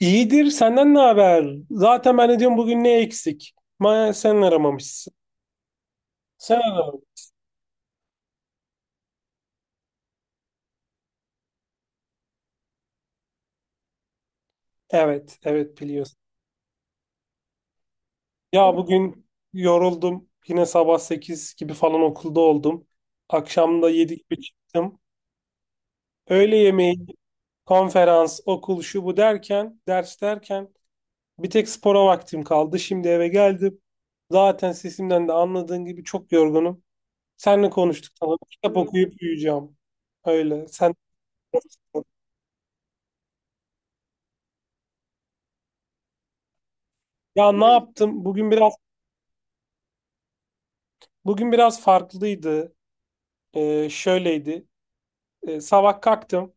İyidir, senden ne haber? Zaten ben de diyorum bugün ne eksik? Ma sen aramamışsın. Sen aramadın. Evet, evet biliyorsun. Ya bugün yoruldum. Yine sabah 8 gibi falan okulda oldum. Akşam da 7 gibi çıktım. Öğle yemeği, konferans, okul şu bu derken, ders derken bir tek spora vaktim kaldı. Şimdi eve geldim. Zaten sesimden de anladığın gibi çok yorgunum. Seninle konuştuk. Tamam. Kitap okuyup uyuyacağım. Öyle. Ya ne yaptım? Bugün biraz farklıydı. Şöyleydi. Sabah kalktım.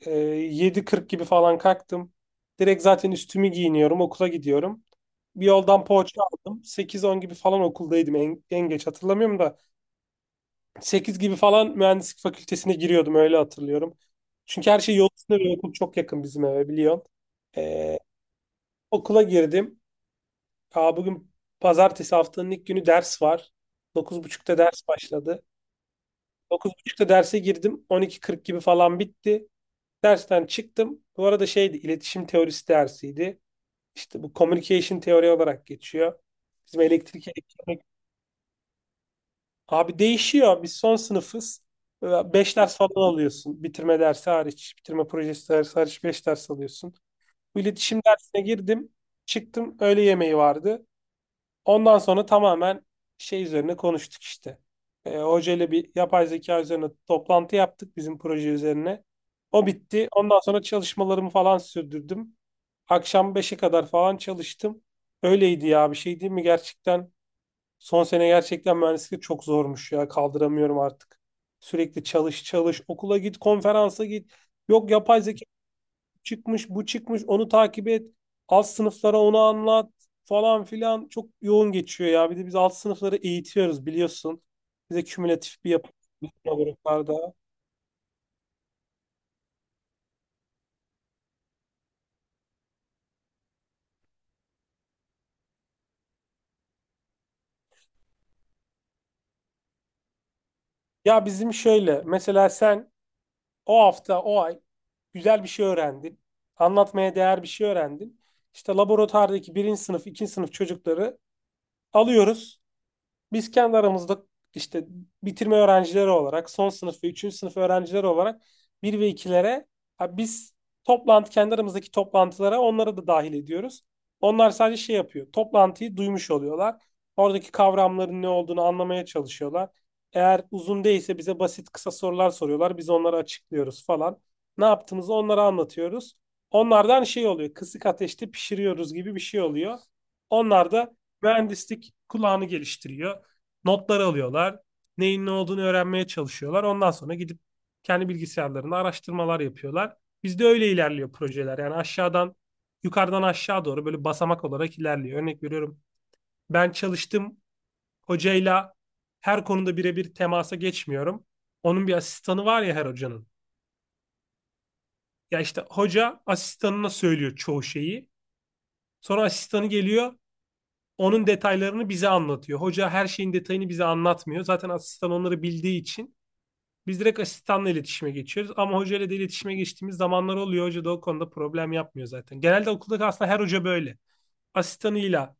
Ee, 7.40 gibi falan kalktım. Direkt zaten üstümü giyiniyorum. Okula gidiyorum. Bir yoldan poğaça aldım. 8.10 gibi falan okuldaydım. En geç hatırlamıyorum da. Sekiz gibi falan mühendislik fakültesine giriyordum. Öyle hatırlıyorum. Çünkü her şey yol üstünde ve okul çok yakın bizim eve biliyorsun. Ee, Okula girdim. Aa, bugün pazartesi haftanın ilk günü ders var. 9.30'da ders başladı. 9.30'da derse girdim. 12.40 gibi falan bitti. Dersten çıktım. Bu arada şeydi, iletişim teorisi dersiydi. İşte bu communication teori olarak geçiyor. Bizim elektrik elektronik. Abi değişiyor. Biz son sınıfız. 5 ders falan alıyorsun. Bitirme dersi hariç, bitirme projesi dersi hariç 5 ders alıyorsun. Bu iletişim dersine girdim. Çıktım. Öğle yemeği vardı. Ondan sonra tamamen şey üzerine konuştuk işte. Hoca ile bir yapay zeka üzerine toplantı yaptık bizim proje üzerine. O bitti. Ondan sonra çalışmalarımı falan sürdürdüm. Akşam 5'e kadar falan çalıştım. Öyleydi ya bir şey değil mi gerçekten? Son sene gerçekten mühendislik çok zormuş ya kaldıramıyorum artık. Sürekli çalış çalış okula git konferansa git. Yok yapay zeka çıkmış, bu çıkmış, onu takip et. Alt sınıflara onu anlat falan filan çok yoğun geçiyor ya. Bir de biz alt sınıfları eğitiyoruz biliyorsun. Bize kümülatif bir yapı bütün gruplarda. Ya bizim şöyle mesela sen o hafta o ay güzel bir şey öğrendin. Anlatmaya değer bir şey öğrendin. İşte laboratuvardaki birinci sınıf, ikinci sınıf çocukları alıyoruz. Biz kendi aramızda işte bitirme öğrencileri olarak son sınıf ve üçüncü sınıf öğrencileri olarak bir ve ikilere ha biz kendi aramızdaki toplantılara onları da dahil ediyoruz. Onlar sadece şey yapıyor. Toplantıyı duymuş oluyorlar. Oradaki kavramların ne olduğunu anlamaya çalışıyorlar. Eğer uzun değilse bize basit kısa sorular soruyorlar. Biz onları açıklıyoruz falan. Ne yaptığımızı onlara anlatıyoruz. Onlardan şey oluyor. Kısık ateşte pişiriyoruz gibi bir şey oluyor. Onlar da mühendislik kulağını geliştiriyor. Notlar alıyorlar. Neyin ne olduğunu öğrenmeye çalışıyorlar. Ondan sonra gidip kendi bilgisayarlarında araştırmalar yapıyorlar. Bizde öyle ilerliyor projeler. Yani yukarıdan aşağı doğru böyle basamak olarak ilerliyor. Örnek veriyorum. Ben çalıştım hocayla her konuda birebir temasa geçmiyorum. Onun bir asistanı var ya her hocanın. Ya işte hoca asistanına söylüyor çoğu şeyi. Sonra asistanı geliyor, onun detaylarını bize anlatıyor. Hoca her şeyin detayını bize anlatmıyor. Zaten asistan onları bildiği için biz direkt asistanla iletişime geçiyoruz ama hocayla da iletişime geçtiğimiz zamanlar oluyor. Hoca da o konuda problem yapmıyor zaten. Genelde okulda aslında her hoca böyle. Asistanıyla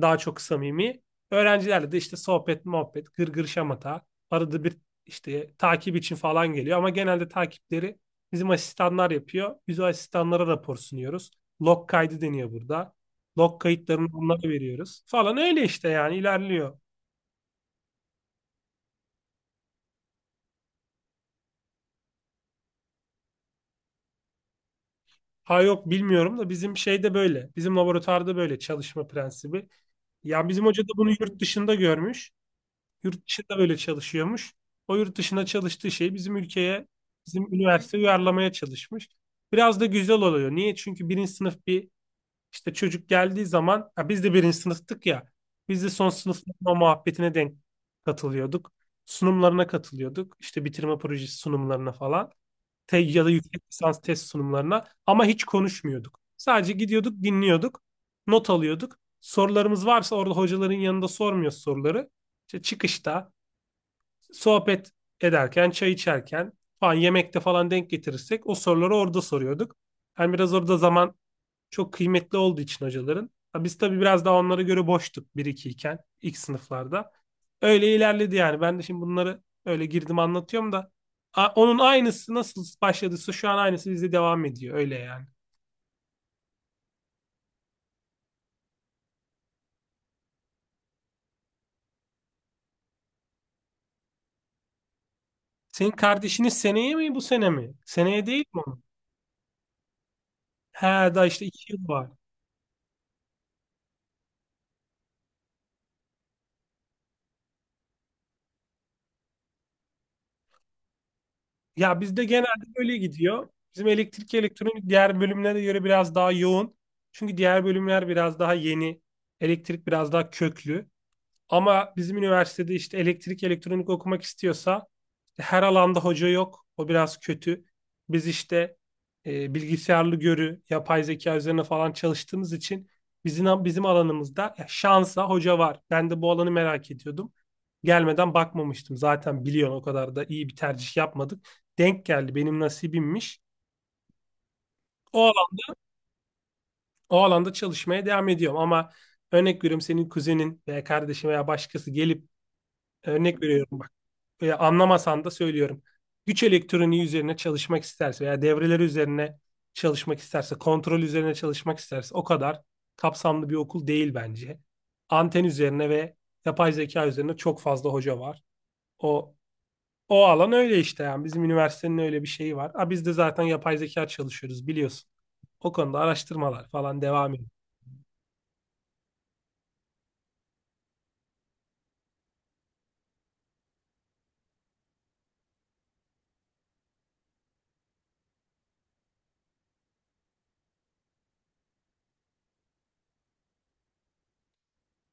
daha çok samimi. Öğrencilerle de işte sohbet, muhabbet, gırgır şamata. Arada bir işte takip için falan geliyor ama genelde takipleri bizim asistanlar yapıyor. Biz o asistanlara rapor sunuyoruz. Log kaydı deniyor burada. Log kayıtlarını onlara veriyoruz. Falan öyle işte yani ilerliyor. Ha yok bilmiyorum da bizim şeyde böyle. Bizim laboratuvarda böyle çalışma prensibi. Ya bizim hoca da bunu yurt dışında görmüş. Yurt dışında böyle çalışıyormuş. O yurt dışında çalıştığı şeyi bizim ülkeye, bizim üniversite uyarlamaya çalışmış. Biraz da güzel oluyor. Niye? Çünkü birinci sınıf bir işte çocuk geldiği zaman ya biz de birinci sınıftık ya. Biz de son sınıfın o muhabbetine denk katılıyorduk. Sunumlarına katılıyorduk. İşte bitirme projesi sunumlarına falan ya da yüksek lisans test sunumlarına ama hiç konuşmuyorduk. Sadece gidiyorduk, dinliyorduk, not alıyorduk. Sorularımız varsa orada hocaların yanında sormuyoruz soruları. İşte çıkışta, sohbet ederken, çay içerken falan yemekte falan denk getirirsek o soruları orada soruyorduk. Yani biraz orada zaman çok kıymetli olduğu için hocaların. Biz tabii biraz daha onlara göre boştuk bir 2 iken ilk sınıflarda. Öyle ilerledi yani. Ben de şimdi bunları öyle girdim anlatıyorum da onun aynısı nasıl başladıysa şu an aynısı bizde devam ediyor. Öyle yani. Senin kardeşiniz seneye mi bu sene mi? Seneye değil mi onun? He daha işte 2 yıl var. Ya bizde genelde böyle gidiyor. Bizim elektrik elektronik diğer bölümlere göre biraz daha yoğun. Çünkü diğer bölümler biraz daha yeni. Elektrik biraz daha köklü. Ama bizim üniversitede işte elektrik elektronik okumak istiyorsa her alanda hoca yok. O biraz kötü. Biz işte bilgisayarlı görü, yapay zeka üzerine falan çalıştığımız için bizim alanımızda şansa hoca var. Ben de bu alanı merak ediyordum. Gelmeden bakmamıştım. Zaten biliyorsun o kadar da iyi bir tercih yapmadık. Denk geldi benim nasibimmiş. O alan, O alanda çalışmaya devam ediyorum ama örnek veriyorum senin kuzenin veya kardeşin veya başkası gelip örnek veriyorum anlamasan da söylüyorum. Güç elektroniği üzerine çalışmak isterse veya devreleri üzerine çalışmak isterse, kontrol üzerine çalışmak isterse o kadar kapsamlı bir okul değil bence. Anten üzerine ve yapay zeka üzerine çok fazla hoca var. O o alan öyle işte yani bizim üniversitenin öyle bir şeyi var. Ha biz de zaten yapay zeka çalışıyoruz biliyorsun. O konuda araştırmalar falan devam ediyor.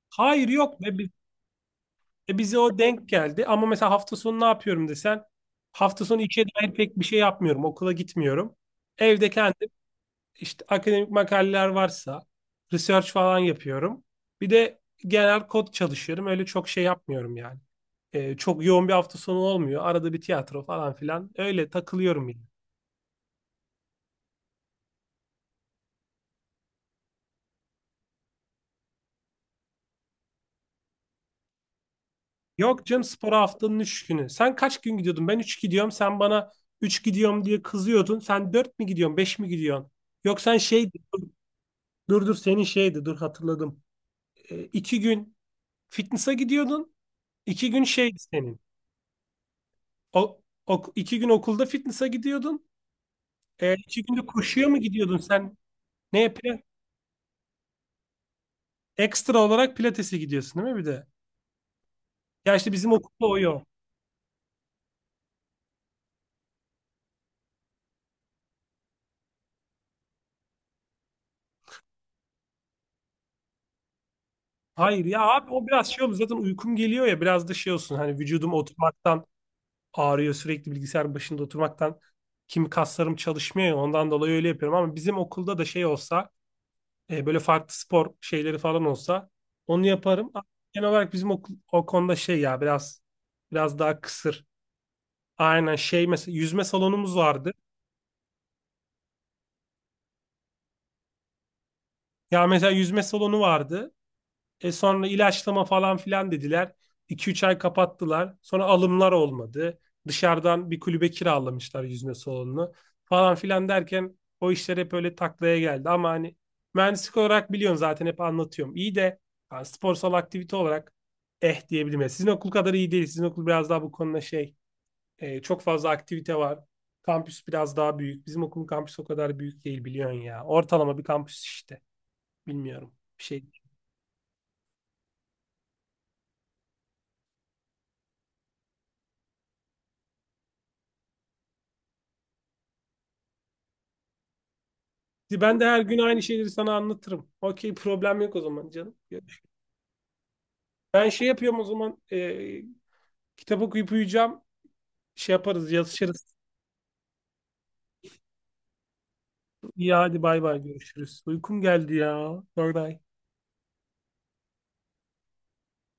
Hayır yok ve bize o denk geldi ama mesela hafta sonu ne yapıyorum desen hafta sonu işe dair pek bir şey yapmıyorum. Okula gitmiyorum. Evde kendim işte akademik makaleler varsa research falan yapıyorum. Bir de genel kod çalışıyorum. Öyle çok şey yapmıyorum yani. Çok yoğun bir hafta sonu olmuyor. Arada bir tiyatro falan filan. Öyle takılıyorum yani. Yok canım spora haftanın 3 günü. Sen kaç gün gidiyordun? Ben 3 gidiyorum. Sen bana 3 gidiyorum diye kızıyordun. Sen 4 mi gidiyorsun? Beş mi gidiyorsun? Yok sen şey. Dur dur senin şeydi, dur hatırladım. İki gün fitness'a gidiyordun. İki gün şeydi senin. İki gün okulda fitness'a gidiyordun. İki günde koşuya mı gidiyordun sen? Neye pila- Ekstra olarak pilatese gidiyorsun değil mi bir de? Ya işte bizim okulda o yok. Hayır ya abi o biraz şey oluyor. Zaten uykum geliyor ya biraz da şey olsun. Hani vücudum oturmaktan ağrıyor. Sürekli bilgisayar başında oturmaktan. Kim kaslarım çalışmıyor ya, ondan dolayı öyle yapıyorum. Ama bizim okulda da şey olsa böyle farklı spor şeyleri falan olsa onu yaparım. Ama genel olarak bizim okul, o konuda şey ya biraz daha kısır. Aynen şey mesela yüzme salonumuz vardı. Ya mesela yüzme salonu vardı. Sonra ilaçlama falan filan dediler. 2-3 ay kapattılar. Sonra alımlar olmadı. Dışarıdan bir kulübe kiralamışlar yüzme salonunu falan filan derken o işler hep öyle taklaya geldi. Ama hani mühendislik olarak biliyorsun zaten hep anlatıyorum. İyi de yani sporsal aktivite olarak eh diyebilirim. Yani sizin okul kadar iyi değil. Sizin okul biraz daha bu konuda şey çok fazla aktivite var. Kampüs biraz daha büyük. Bizim okulun kampüsü o kadar büyük değil biliyorsun ya. Ortalama bir kampüs işte. Bilmiyorum. Bir şey. Ben de her gün aynı şeyleri sana anlatırım. Okey problem yok o zaman canım. Ben şey yapıyorum o zaman kitap okuyup uyuyacağım. Şey yaparız yazışırız. İyi hadi bay bay görüşürüz. Uykum geldi ya. Bye bye.